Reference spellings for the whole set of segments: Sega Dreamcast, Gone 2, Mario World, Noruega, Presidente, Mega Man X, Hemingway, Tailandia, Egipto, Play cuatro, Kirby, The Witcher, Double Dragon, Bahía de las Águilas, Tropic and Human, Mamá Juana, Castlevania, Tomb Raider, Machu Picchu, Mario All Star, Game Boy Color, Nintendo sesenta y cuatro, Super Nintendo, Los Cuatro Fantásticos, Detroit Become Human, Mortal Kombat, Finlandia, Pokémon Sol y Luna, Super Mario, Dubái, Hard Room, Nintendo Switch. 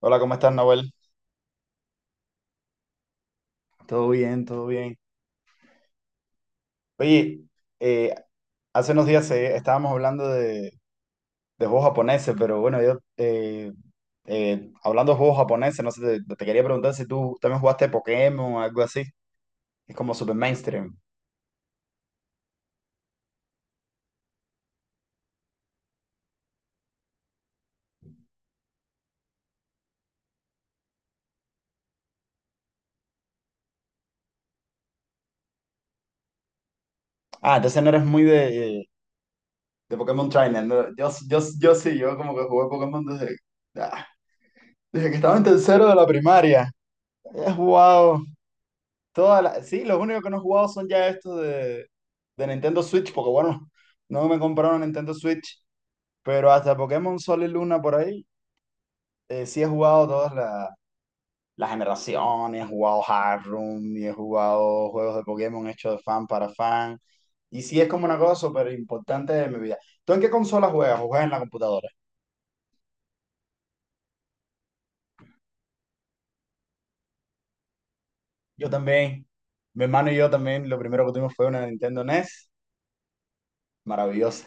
Hola, ¿cómo estás, Nahuel? Todo bien, todo bien. Oye, eh, hace unos días estábamos hablando de juegos japoneses, pero bueno, yo hablando de juegos japoneses, no sé, te quería preguntar si tú también jugaste Pokémon o algo así. Es como super mainstream. Ah, entonces no eres muy de Pokémon Trainer, ¿no? Yo sí, yo como que jugué Pokémon ah, desde que estaba en tercero de la primaria. He jugado todas las, sí, los únicos que no he jugado son ya estos de Nintendo Switch, porque bueno, no me compraron Nintendo Switch, pero hasta Pokémon Sol y Luna por ahí, sí he jugado las generaciones, he jugado Hard Room y he jugado juegos de Pokémon hechos de fan para fan, y sí es como una cosa súper importante de mi vida. ¿Tú en qué consola juegas? ¿O juegas en la computadora? Yo también, mi hermano y yo también, lo primero que tuvimos fue una Nintendo NES, maravillosa,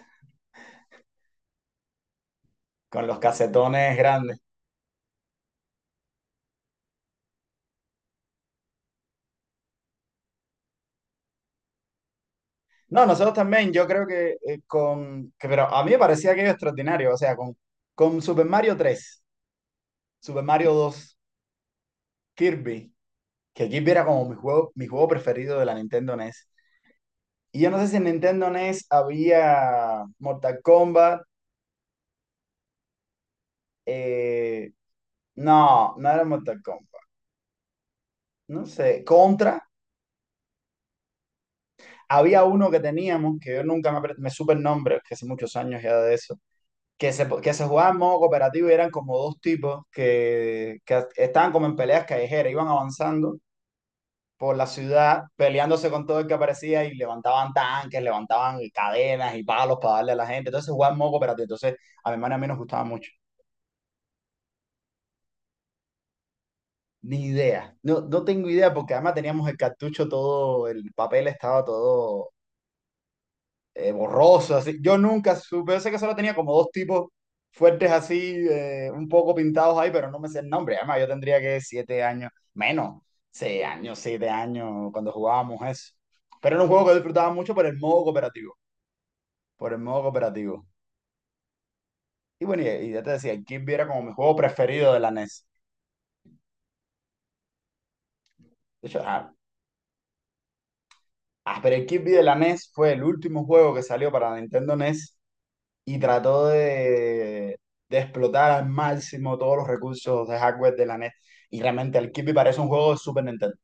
con los casetones grandes. No, nosotros también, yo creo que pero a mí me parecía aquello extraordinario, o sea, con Super Mario tres, Super Mario dos, Kirby, que Kirby era como mi juego preferido de la Nintendo NES. Y yo no sé si en Nintendo NES había Mortal Kombat, eh, no, no era Mortal Kombat, no sé, Contra, había uno que teníamos, que yo nunca me supe el nombre, que hace muchos años ya de eso, que se jugaba en modo cooperativo y eran como dos tipos que estaban como en peleas callejeras, iban avanzando por la ciudad peleándose con todo el que aparecía y levantaban tanques, levantaban cadenas y palos para darle a la gente. Entonces se jugaba en modo cooperativo. Entonces a mi hermana y a mí nos gustaba mucho. Ni idea. No, no tengo idea porque además teníamos el cartucho todo, el papel estaba todo borroso, así. Yo nunca supe, yo sé que solo tenía como dos tipos fuertes así, un poco pintados ahí, pero no me sé el nombre. Además, yo tendría que siete años, menos, seis años, siete años, cuando jugábamos eso. Pero era un juego que disfrutaba mucho por el modo cooperativo, por el modo cooperativo. Y bueno, y ya te decía, el Kirby era como mi juego preferido de la NES. De hecho, pero el Kirby de la NES fue el último juego que salió para Nintendo NES y trató de explotar al máximo todos los recursos de hardware de la NES. Y realmente el Kirby parece un juego de Super Nintendo.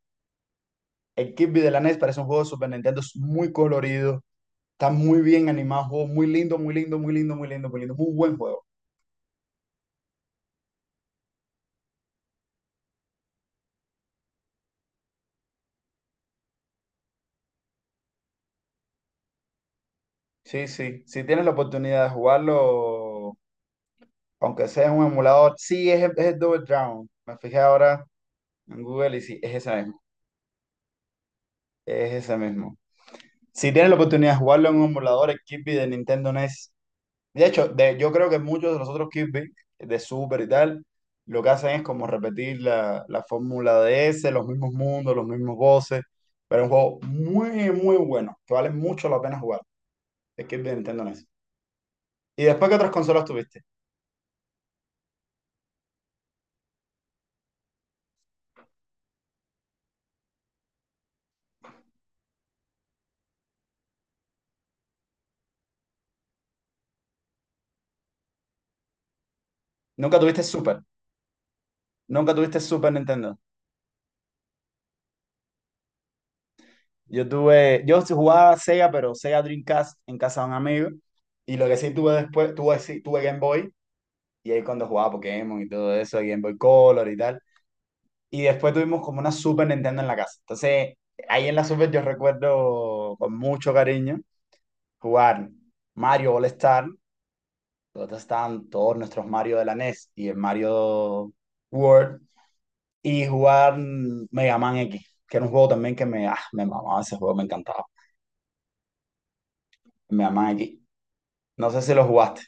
El Kirby de la NES parece un juego de Super Nintendo, es muy colorido, está muy bien animado, juego muy lindo, muy lindo, muy lindo, muy lindo, muy lindo, muy buen juego. Sí, sí, si tienes la oportunidad de jugarlo, aunque sea en un emulador, sí, es el Double Dragon. Me fijé ahora en Google y sí, es ese mismo, es ese mismo. Si tienes la oportunidad de jugarlo en un emulador, el Kirby de Nintendo NES. De hecho, yo creo que muchos de los otros Kirby, de Super y tal, lo que hacen es como repetir la fórmula de ese, los mismos mundos, los mismos voces, pero es un juego muy, muy bueno, que vale mucho la pena jugar, el Kirby de Nintendo NES. ¿Y después qué otras consolas tuviste? Nunca tuviste Super, nunca tuviste Super Nintendo. Yo tuve, yo sí jugaba Sega, pero Sega Dreamcast en casa de un amigo, y lo que sí tuve después, tuve, sí, tuve Game Boy, y ahí cuando jugaba Pokémon y todo eso, Game Boy Color y tal. Y después tuvimos como una Super Nintendo en la casa. Entonces, ahí en la Super yo recuerdo con mucho cariño jugar Mario All Star, donde estaban todos nuestros Mario de la NES y el Mario World, y jugar Mega Man X, que era un juego también que me mamaba ese juego, me encantaba. Mega Man X. No sé si lo jugaste,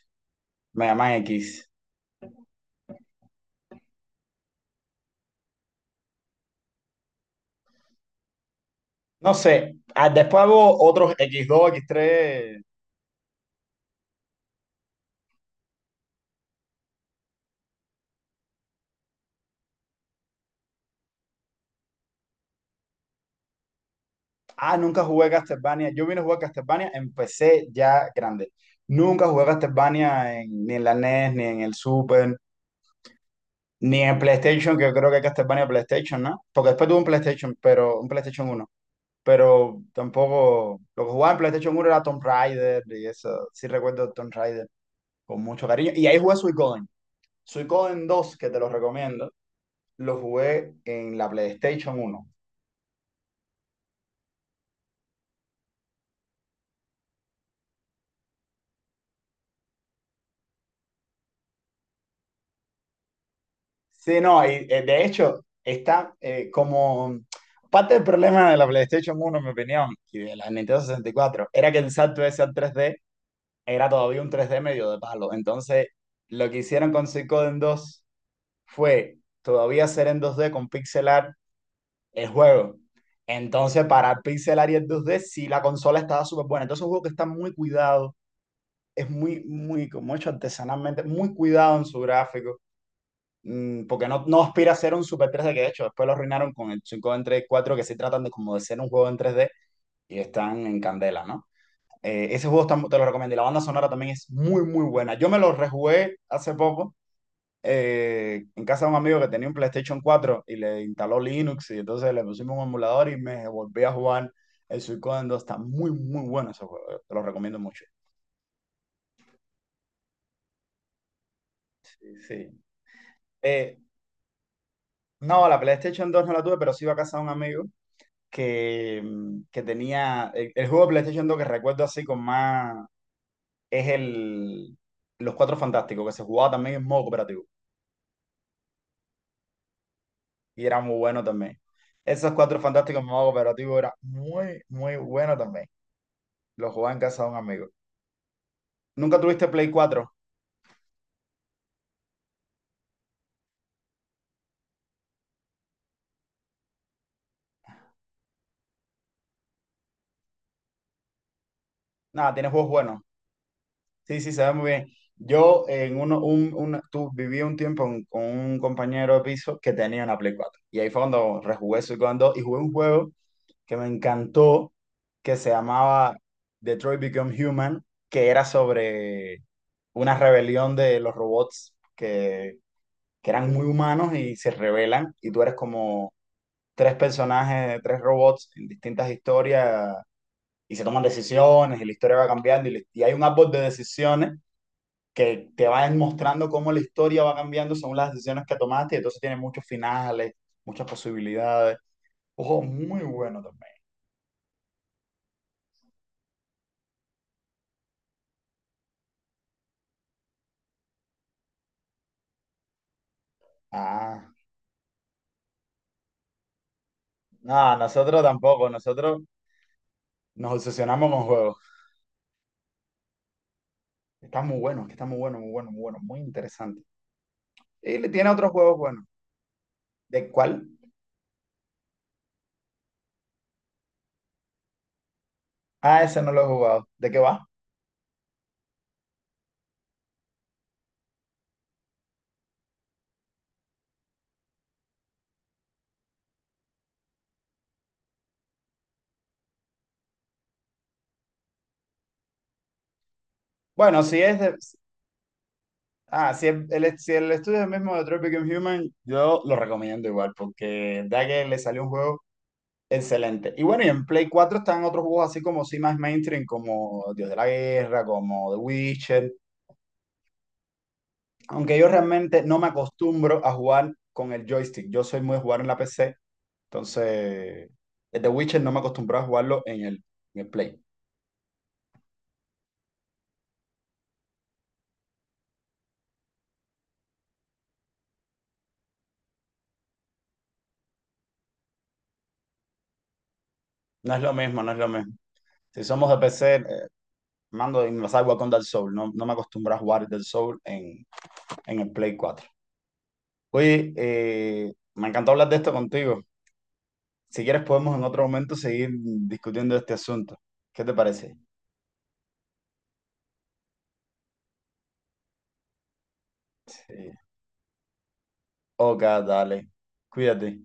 Mega Man X. No sé, después hubo otros x dos x tres. Ah, nunca jugué a Castlevania. Yo vine a jugar a Castlevania, empecé ya grande. Nunca jugué a Castlevania ni en la NES, ni en el Super, ni en PlayStation, que yo creo que Castlevania PlayStation, ¿no? Porque después tuve un PlayStation, pero un PlayStation uno. Pero tampoco. Lo que jugaba en PlayStation uno era Tomb Raider y eso. Sí recuerdo Tomb Raider con mucho cariño. Y ahí jugué Suicoden. Suicoden dos que te lo recomiendo, lo jugué en la PlayStation uno. Sí, no, y, de hecho está como parte del problema de la PlayStation uno, en mi opinión, y de la Nintendo 64, era que el salto ese al 3D era todavía un 3D medio de palo. Entonces, lo que hicieron con Suikoden 2 fue todavía hacer en 2D con pixelar el juego. Entonces, para el pixelar y el 2D sí, la consola estaba súper buena. Entonces, es un juego que está muy cuidado, es muy, muy, como hecho artesanalmente, muy cuidado en su gráfico. Porque no, no aspira a ser un Super 3D, que de hecho después lo arruinaron con el 5 en 3D 4, que sí tratan de como de ser un juego en 3D y están en candela, ¿no? Ese juego está- te lo recomiendo y la banda sonora también es muy muy buena. Yo me lo rejugué hace poco en casa de un amigo que tenía un PlayStation cuatro y le instaló Linux y entonces le pusimos un emulador y me volví a jugar el Suicoden 2. Está muy muy bueno ese juego, te lo recomiendo mucho. Sí, sí. Eh, no, la PlayStation 2 no la tuve, pero sí iba a casa de un amigo que, que tenía. El juego de PlayStation 2 que recuerdo así con más es el Los Cuatro Fantásticos, que se jugaba también en modo cooperativo. Y era muy bueno también. Esos Cuatro Fantásticos en modo cooperativo era muy, muy bueno también. Lo jugaba en casa de un amigo. ¿Nunca tuviste Play cuatro? Nada, tienes juegos buenos. Sí, sí, se ve muy bien. Yo en tú viví un tiempo con un compañero de piso que tenía una Play cuatro. Y ahí fue cuando rejugué su Gone 2 y jugué un juego que me encantó, que se llamaba Detroit Become Human, que era sobre una rebelión de los robots que eran muy humanos y se rebelan, y tú eres como tres personajes, tres robots en distintas historias, y se toman decisiones, y la historia va cambiando, y hay un árbol de decisiones que te van mostrando cómo la historia va cambiando según las decisiones que tomaste, y entonces tiene muchos finales, muchas posibilidades. Ojo, muy bueno también. Ah. No, nosotros tampoco, nosotros nos obsesionamos con juegos. Está muy bueno, que está muy bueno, muy bueno, muy bueno, muy interesante. Y le tiene otros juegos buenos. ¿De cuál? Ah, ese no lo he jugado. ¿De qué va? Bueno, si es de... Ah, si el estudio es el mismo de Tropic and Human, yo lo recomiendo igual, porque da que le salió un juego excelente. Y bueno, y en Play 4 están otros juegos así como sí más mainstream, como Dios de la Guerra, como The Witcher. Aunque yo realmente no me acostumbro a jugar con el joystick. Yo soy muy de jugar en la PC. Entonces, el The Witcher no me acostumbré a jugarlo en el Play. No es lo mismo, no es lo mismo. Si somos de PC, mando y me salgo con Dark Soul. No, no me acostumbré a jugar Dark Soul en el Play cuatro. Oye, me encantó hablar de esto contigo. Si quieres, podemos en otro momento seguir discutiendo este asunto. ¿Qué te parece? Sí. Ok, dale. Cuídate.